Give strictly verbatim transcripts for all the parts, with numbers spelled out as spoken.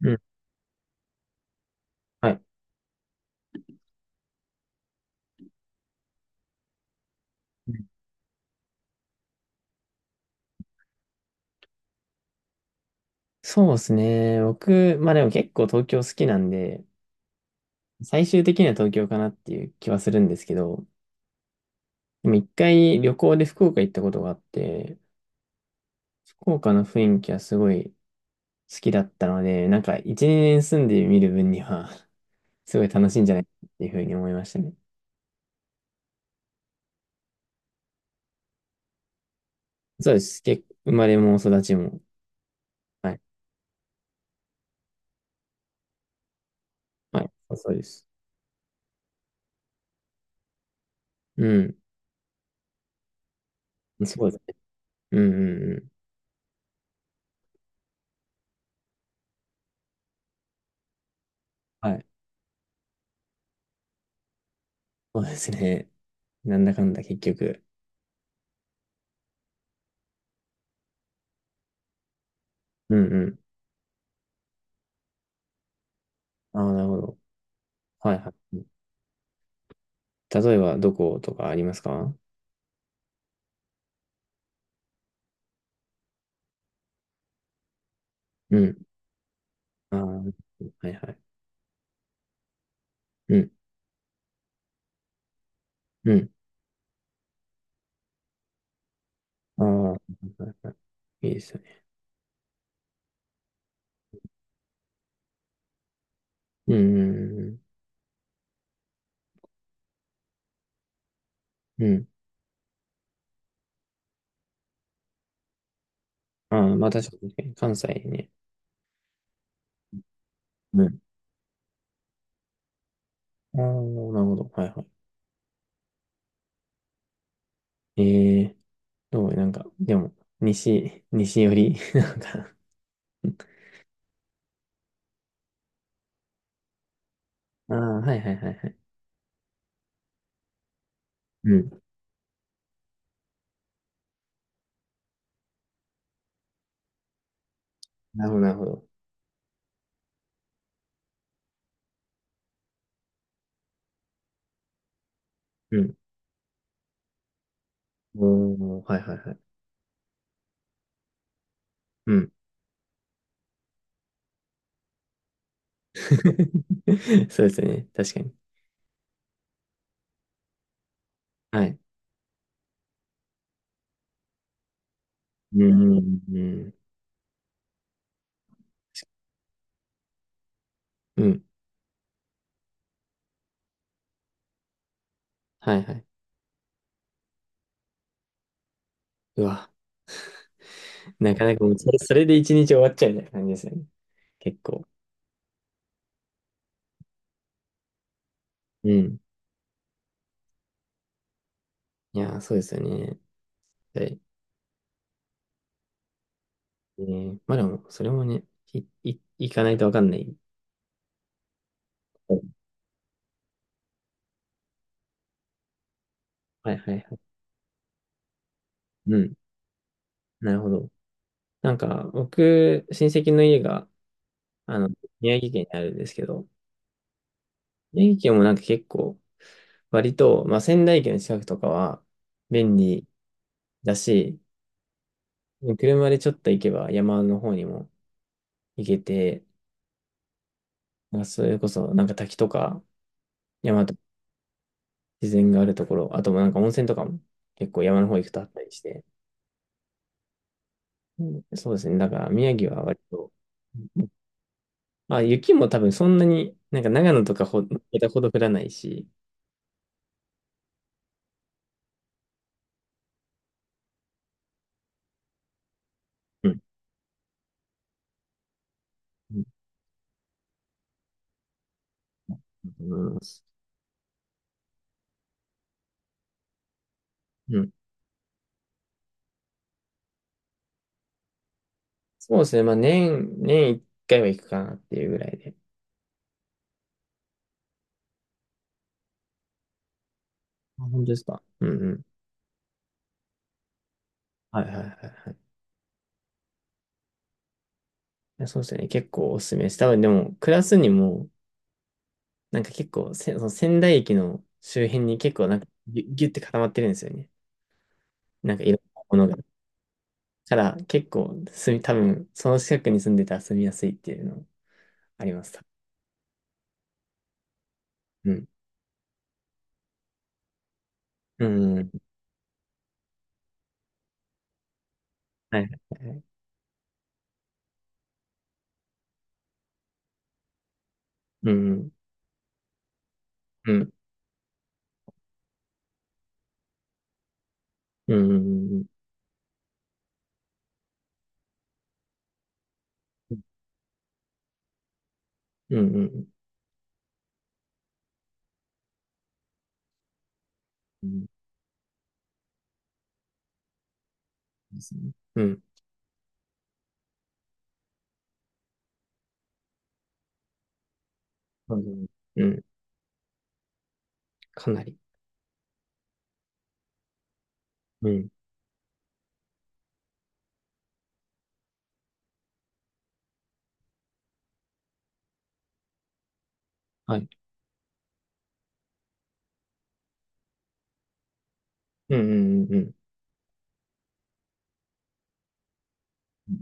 うん。はい。うん、そうですね。僕、まあでも結構東京好きなんで、最終的には東京かなっていう気はするんですけど、でも一回旅行で福岡行ったことがあって、福岡の雰囲気はすごい好きだったので、なんかいち、にねん住んでみる分には すごい楽しいんじゃないかっていうふうに思いましたね。そうです。結構生まれも育ちも。はい。はい。そうそうです。うん。そうですね。うんうんうん。はい。そうですね。なんだかんだ結局。うんうん。ああ、なるほど。はいはい。例えば、どことかありますか？うん。ああ、はいはい。うん、うん。ああ、はいはいはい。いいですよね。うん、うん、うん。ああ、まあ確かに、確かに関西ね。うん。ああ、なるほど。はいはい。ええ、どうなんか、でも、西、西寄り なんか、ああ、はいはいはいはい。うん。なるほど、なるほど。うん。おお、はいはいはい。うん。そうですよね。確かに。はい。うん、うん、うん。うん、はいはい。うわ。なかなかもうそれ、それで一日終わっちゃうみたいな感じですよね。結構。うん。いやー、そうですよね。はい。えー、まあでも、それもね、い、い、行かないとわかんない。はいはいはい。うん。なるほど。なんか、僕、親戚の家が、あの、宮城県にあるんですけど、宮城県もなんか結構、割と、まあ仙台駅の近くとかは便利だし、車でちょっと行けば山の方にも行けて、まあ、それこそなんか滝とか山と自然があるところ、あともなんか温泉とかも結構山の方行くとあったりして、うん、そうですね。だから宮城は割と、うん、あ、雪も多分そんなに、なんか長野とかほ、またほど降らないし、うん。うん、思います。うん。そうですね。まあ年、年一回は行くかなっていうぐらいで。あ、本当ですか。うんうん。はいはいはいはい。いや、そうですね。結構おすすめです。多分でも、暮らすにも、なんか結構せ、その仙台駅の周辺に結構なんかギュ、ぎゅって固まってるんですよね。なんかいろんなものが。から結構住み、多分その近くに住んでたら住みやすいっていうのあります。うん。うん。うん、はい。はい。うん。うん。うん。うん。うん。うん。うん、ですね、うん。うん。うん。かなり。うん。はい。うん。うん。うん。うん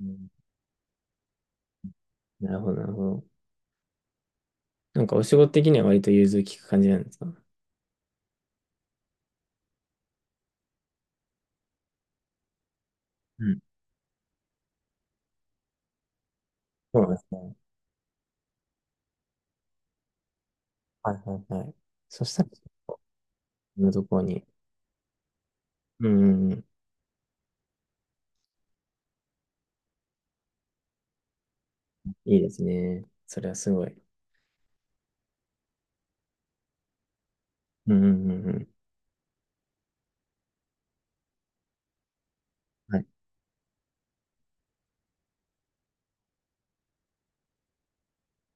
うん。なるほど、なるほど。なんかお仕事的には割と融通きく感じなんですか？うん。そうなんですね。はいはいはい。そしたら、のところに。うんうんうん。いいですね。それはすごい。うんうんうんうん。はい。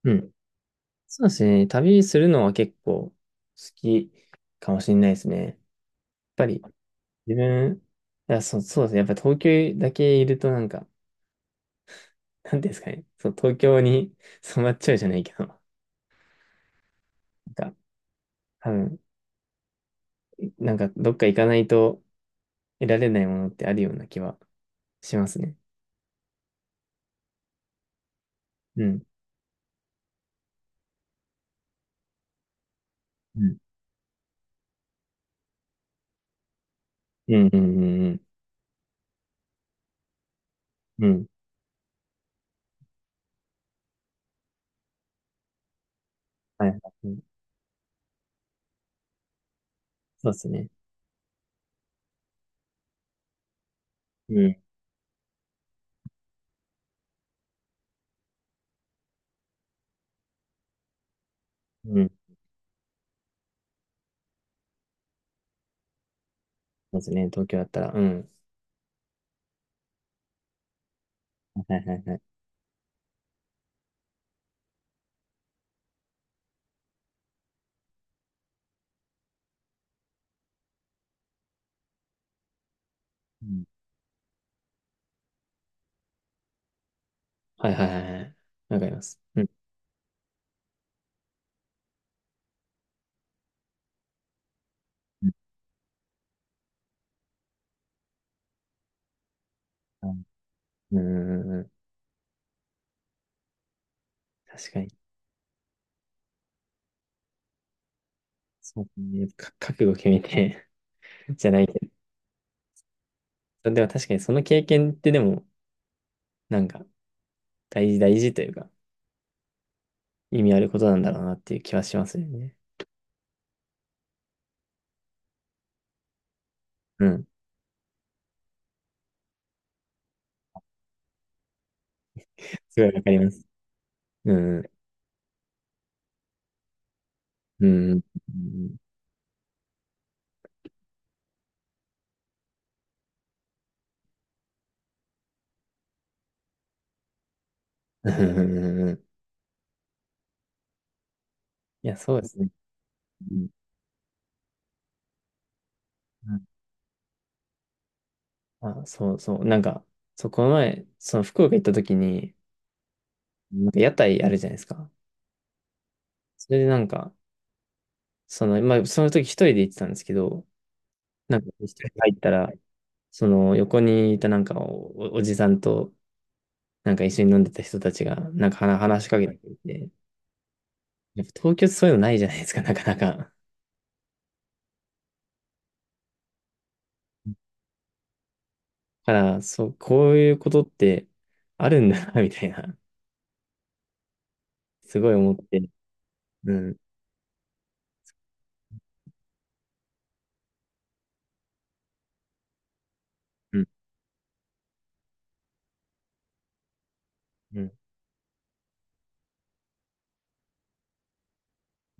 うん、そうですね。旅するのは結構好きかもしれないですね。やっぱり自分、いや、そう、そうですね。やっぱ東京だけいるとなんか、なんていうんですかね。そう、東京に 染まっちゃうじゃないけど、なんか、多分、なんかどっか行かないと得られないものってあるような気はしますね。うん。うん。うんうんうんうん。うん。はいはい。うん、そうですね。うん。うん。そうですね。東京だったら、うん。はいはいはいはい。うん。はいはいはいはい。わかります。うん。うん。うんうんうんうん、確かに。そうね。か覚悟決めて じゃないけど。でも確かにその経験ってでも、なんか大事大事というか、意味あることなんだろうなっていう気はしますよね。うん。すごいわかります。うん。うん。うん。うん。いや、そうですね。うんうん。あ、そうそう。なんか、そう、この前、その福岡行った時に、なんか屋台あるじゃないですか。それでなんか、その、まあ、その時一人で行ってたんですけど、なんか一人で入ったら、その横にいたなんかお、おじさんとなんか一緒に飲んでた人たちがなんか話話しかけてきて、やっぱ東京ってそういうのないじゃないですか、なかなか。だから、そう、こういうことってあるんだな、みたいな、すごい思って。うん、うん、うん。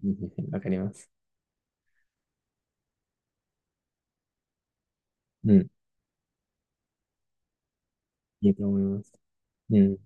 うん、わかります。うん、いいと思います。うん。